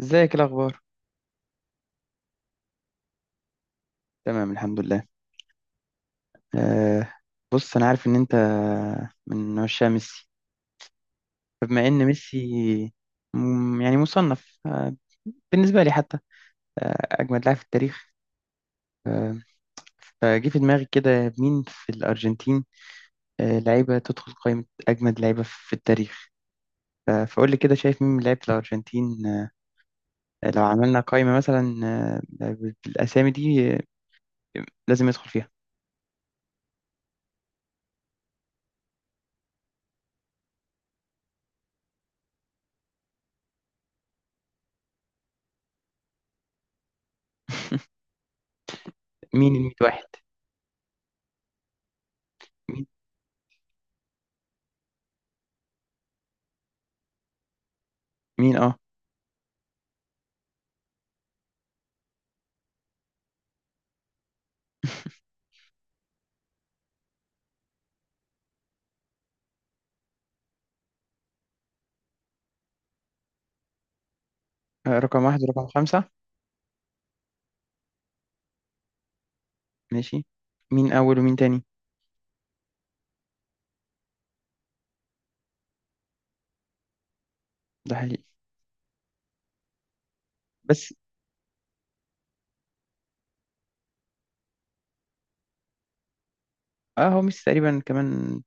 ازيك، إيه الاخبار؟ تمام، الحمد لله. أه بص، انا عارف ان انت من عشاق ميسي، فبما ان ميسي يعني مصنف، بالنسبه لي حتى، اجمد لاعب في التاريخ. أه فجه في دماغي كده مين في الارجنتين، لعيبه تدخل قائمه اجمد لعيبه في التاريخ. فقول لي كده شايف مين من لعيبه الارجنتين، لو عملنا قائمه مثلا أه بالاسامي دي لازم يدخل فيها. مين الميت واحد؟ مين مين اه آه، رقم واحد ورقم خمسة. ماشي. مين أول ومين تاني؟ ده حقيقي. بس اه هو ميسي تقريبا كمان.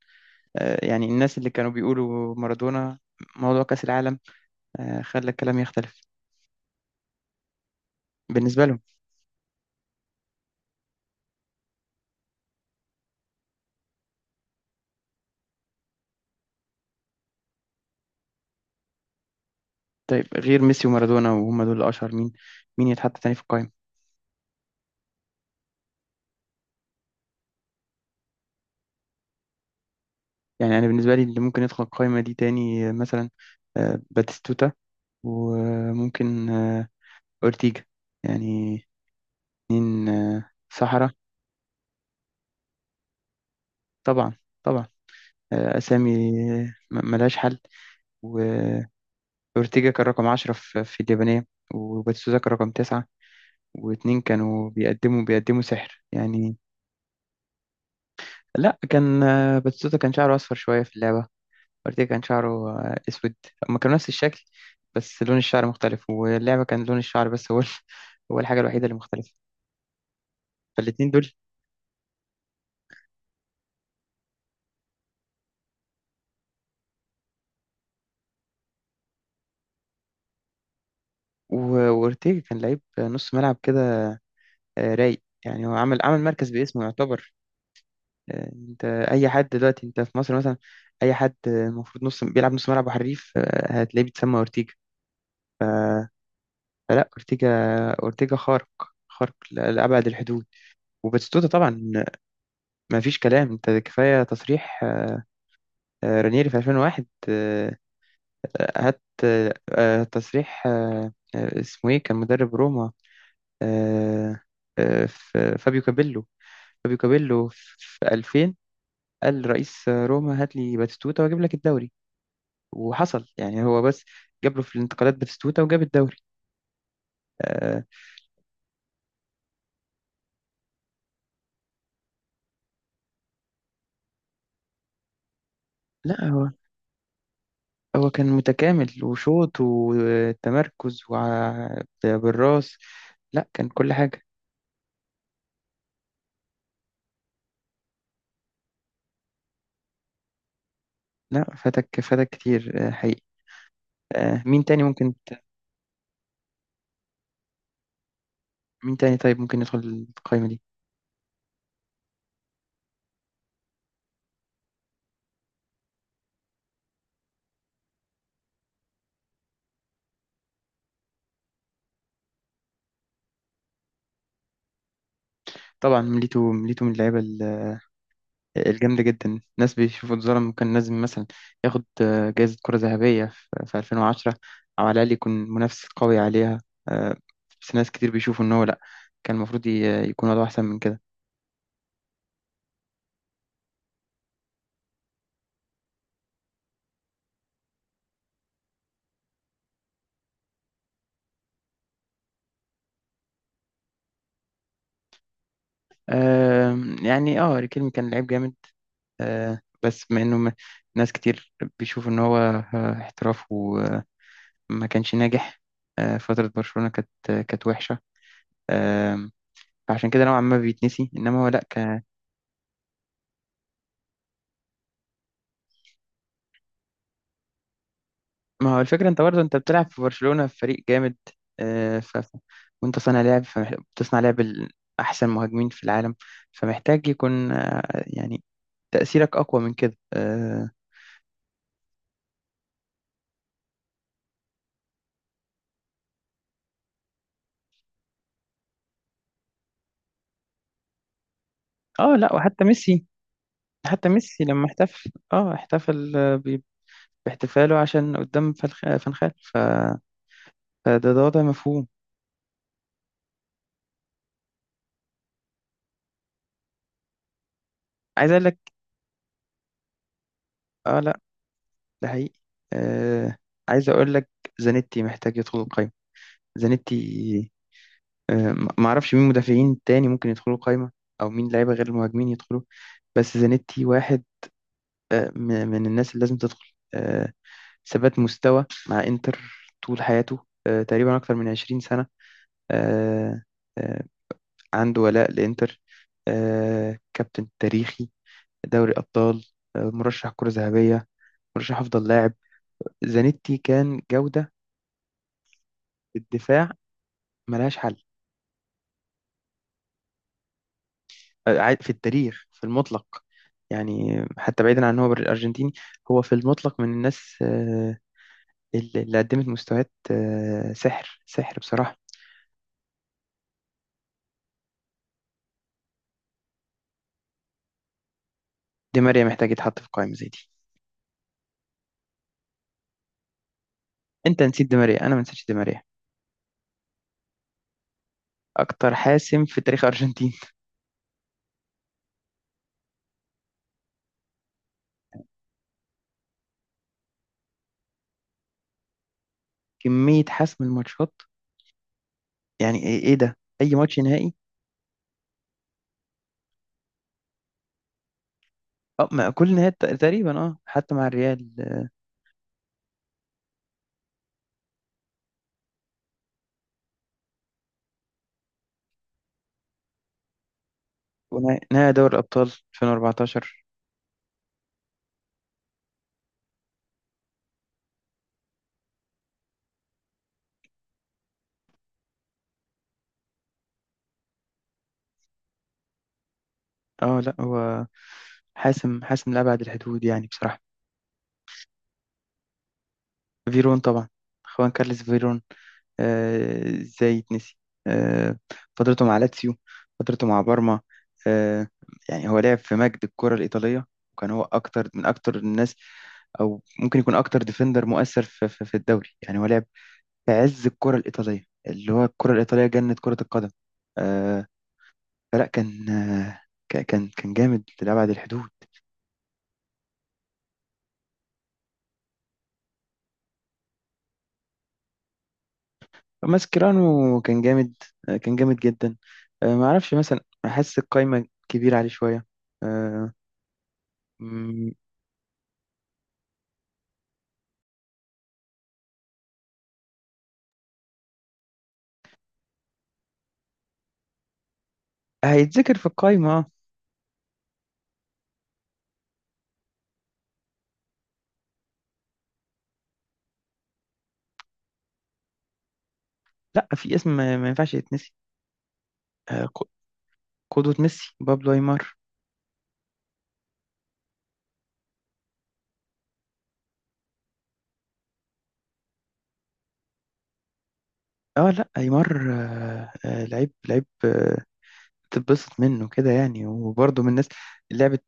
يعني الناس اللي كانوا بيقولوا مارادونا، موضوع كأس العالم خلى الكلام يختلف بالنسبة لهم. طيب، غير ميسي ومارادونا وهم دول الأشهر، مين؟ مين يتحط تاني في القائمة؟ يعني أنا بالنسبة لي اللي ممكن يدخل القائمة دي تاني مثلا باتيستوتا، وممكن أورتيجا. يعني اتنين صحراء. طبعا طبعا. أسامي ملهاش حل. أورتيجا كان رقم 10 في اليابانية، وباتيستوتا كان رقم تسعة، واتنين كانوا بيقدموا سحر يعني. لا، كان باتيستوتا كان شعره أصفر شوية في اللعبة، أورتيجا كان شعره أسود. هما كانوا نفس الشكل، بس لون الشعر مختلف، واللعبة كان لون الشعر بس، هو هو الحاجة الوحيدة اللي مختلفة. فالاتنين دول و- وأورتيجا كان لعيب نص ملعب كده، رايق يعني. هو عمل مركز باسمه يعتبر. انت، اي حد دلوقتي، انت في مصر مثلا، اي حد المفروض نص بيلعب نص ملعب وحريف، هتلاقيه بيتسمى اورتيجا. فلا، اورتيجا، اورتيجا خارق، خارق لابعد الحدود. وباتستوتا طبعا ما فيش كلام. انت كفايه تصريح رانيري في 2001، هات تصريح اسمه ايه، كان مدرب روما، آه، فابيو كابيلو. فابيو كابيلو في 2000 قال: رئيس روما، هات لي باتستوتا واجيب لك الدوري، وحصل يعني. هو بس جاب له في الانتقالات باتيستوتا، وجاب الدوري. آه لا، هو هو كان متكامل، وشوط وتمركز بالراس. لا، كان كل حاجة. لا، فاتك فاتك كتير حقيقي. مين تاني ممكن مين تاني طيب ممكن يدخل القائمة دي؟ طبعا، ميليتو، ميليتو من اللعيبة الجامدة جدا. ناس بيشوفوا اتظلم، وكان لازم مثلا ياخد جايزة كرة ذهبية في 2010، أو على الأقل يكون منافس قوي عليها. آه، بس ناس كتير بيشوفوا إن هو لأ، كان المفروض يكون وضعه أحسن من كده. آه، يعني اه، ريكيلمي كان لعيب جامد. بس مع إنه ناس كتير بيشوفوا إن هو احتراف وما كانش ناجح. فترة برشلونة كانت كانت وحشة. آه، فعشان كده نوعا ما بيتنسي، إنما هو لأ. ما هو الفكرة، انت برضه انت بتلعب في برشلونة في فريق جامد، آه، ف... ف- وانت صانع لعب، فبتصنع لعب احسن مهاجمين في العالم، فمحتاج يكون يعني تأثيرك اقوى من كده اه. لا، وحتى ميسي، حتى ميسي لما احتفل، اه احتفل باحتفاله عشان قدام فان خال. فده، ده وضع مفهوم. عايز اقول لك. اه لا، ده حقيقي. آه... عايز اقول لك، زانيتي محتاج يدخل القايمة. زانيتي. ما ما اعرفش مين مدافعين تاني ممكن يدخلوا القايمة، او مين لعيبة غير المهاجمين يدخلوا، بس زانيتي واحد آه، م- من الناس اللي لازم تدخل. ثبات مستوى مع انتر طول حياته، تقريبا اكتر من 20 سنة. آه، آه، عنده ولاء لانتر، كابتن تاريخي، دوري ابطال، مرشح كرة ذهبية، مرشح افضل لاعب. زانيتي كان جودة. الدفاع ملهاش حل. في التاريخ في المطلق، يعني حتى بعيدا عن ان هو ارجنتيني، هو في المطلق من الناس اللي قدمت مستويات سحر سحر بصراحة. دي ماريا محتاج يتحط في قائمة زي دي. انت نسيت دي ماريا، انا ما نسيتش دي ماريا. اكتر حاسم في تاريخ ارجنتين. كمية حسم الماتشات، يعني ايه؟ إيه ده؟ اي ماتش نهائي. اه، ما كل نهائي تقريبا، اه حتى مع الريال ونهائي نهائي دوري الابطال 2014. اه لا، هو حاسم حاسم لأبعد الحدود يعني بصراحة. فيرون طبعا، خوان كارلس فيرون. ازاي يتنسي؟ آه، فترته مع لاتسيو، فترته مع بارما. آه، يعني هو لعب في مجد الكرة الإيطالية، وكان هو أكتر، من أكتر الناس، أو ممكن يكون أكتر ديفندر مؤثر في, الدوري. يعني هو لعب في عز الكرة الإيطالية، اللي هو الكرة الإيطالية جنة كرة القدم. آه، فلا، كان كان جامد لأبعد الحدود. ماسكيرانو كان جامد. كان جامد جدا. ما اعرفش مثلا، احس القايمه كبيره عليه شويه. آه، مم، هيتذكر في القايمه لا، في اسم ما ما ينفعش يتنسي، آه، ق- قدوة ميسي، بابلو ايمار. اه لا، ايمار لعيب تتبسط منه كده يعني. وبرضه من الناس اللي لعبت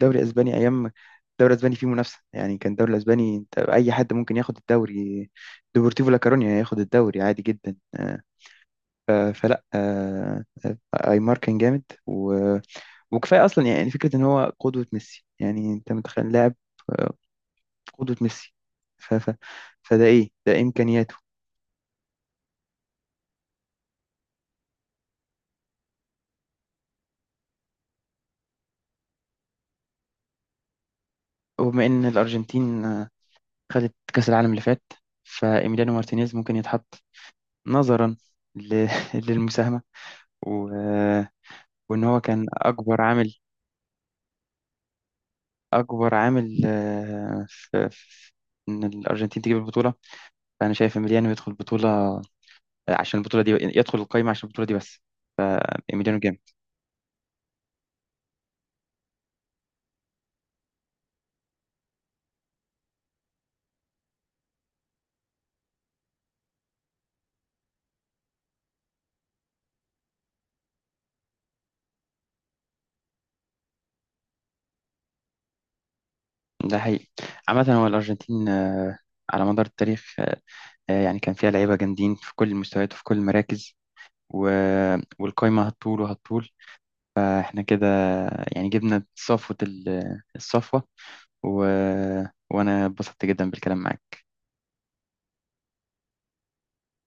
دوري اسباني، ايام الدوري الاسباني فيه منافسه يعني. كان الدوري الاسباني، انت اي حد ممكن ياخد الدوري، ديبورتيفو لا كورونيا ياخد الدوري عادي جدا. فلا، ايمار كان جامد وكفايه اصلا يعني فكره ان هو قدوه ميسي. يعني انت متخيل لاعب آه، قدوه ميسي، ف... ف... فده ايه ده امكانياته. وبما ان الارجنتين خدت كاس العالم اللي فات، فايميليانو مارتينيز ممكن يتحط نظرا ل... للمساهمه و... آه، وان هو كان اكبر عامل. اكبر عامل في ان الارجنتين تجيب البطوله، فانا شايف ايميليانو يدخل البطوله عشان البطولة دي، يدخل القايمة عشان البطولة دي بس. إيميليانو جامد. ده حقيقي. عامة هو الأرجنتين على مدار التاريخ، يعني كان فيها لعيبة جامدين في كل المستويات وفي كل المراكز و... والقايمة هتطول وهتطول. فإحنا كده يعني جبنا صفوة الصفوة، و... وأنا اتبسطت جدا بالكلام معاك.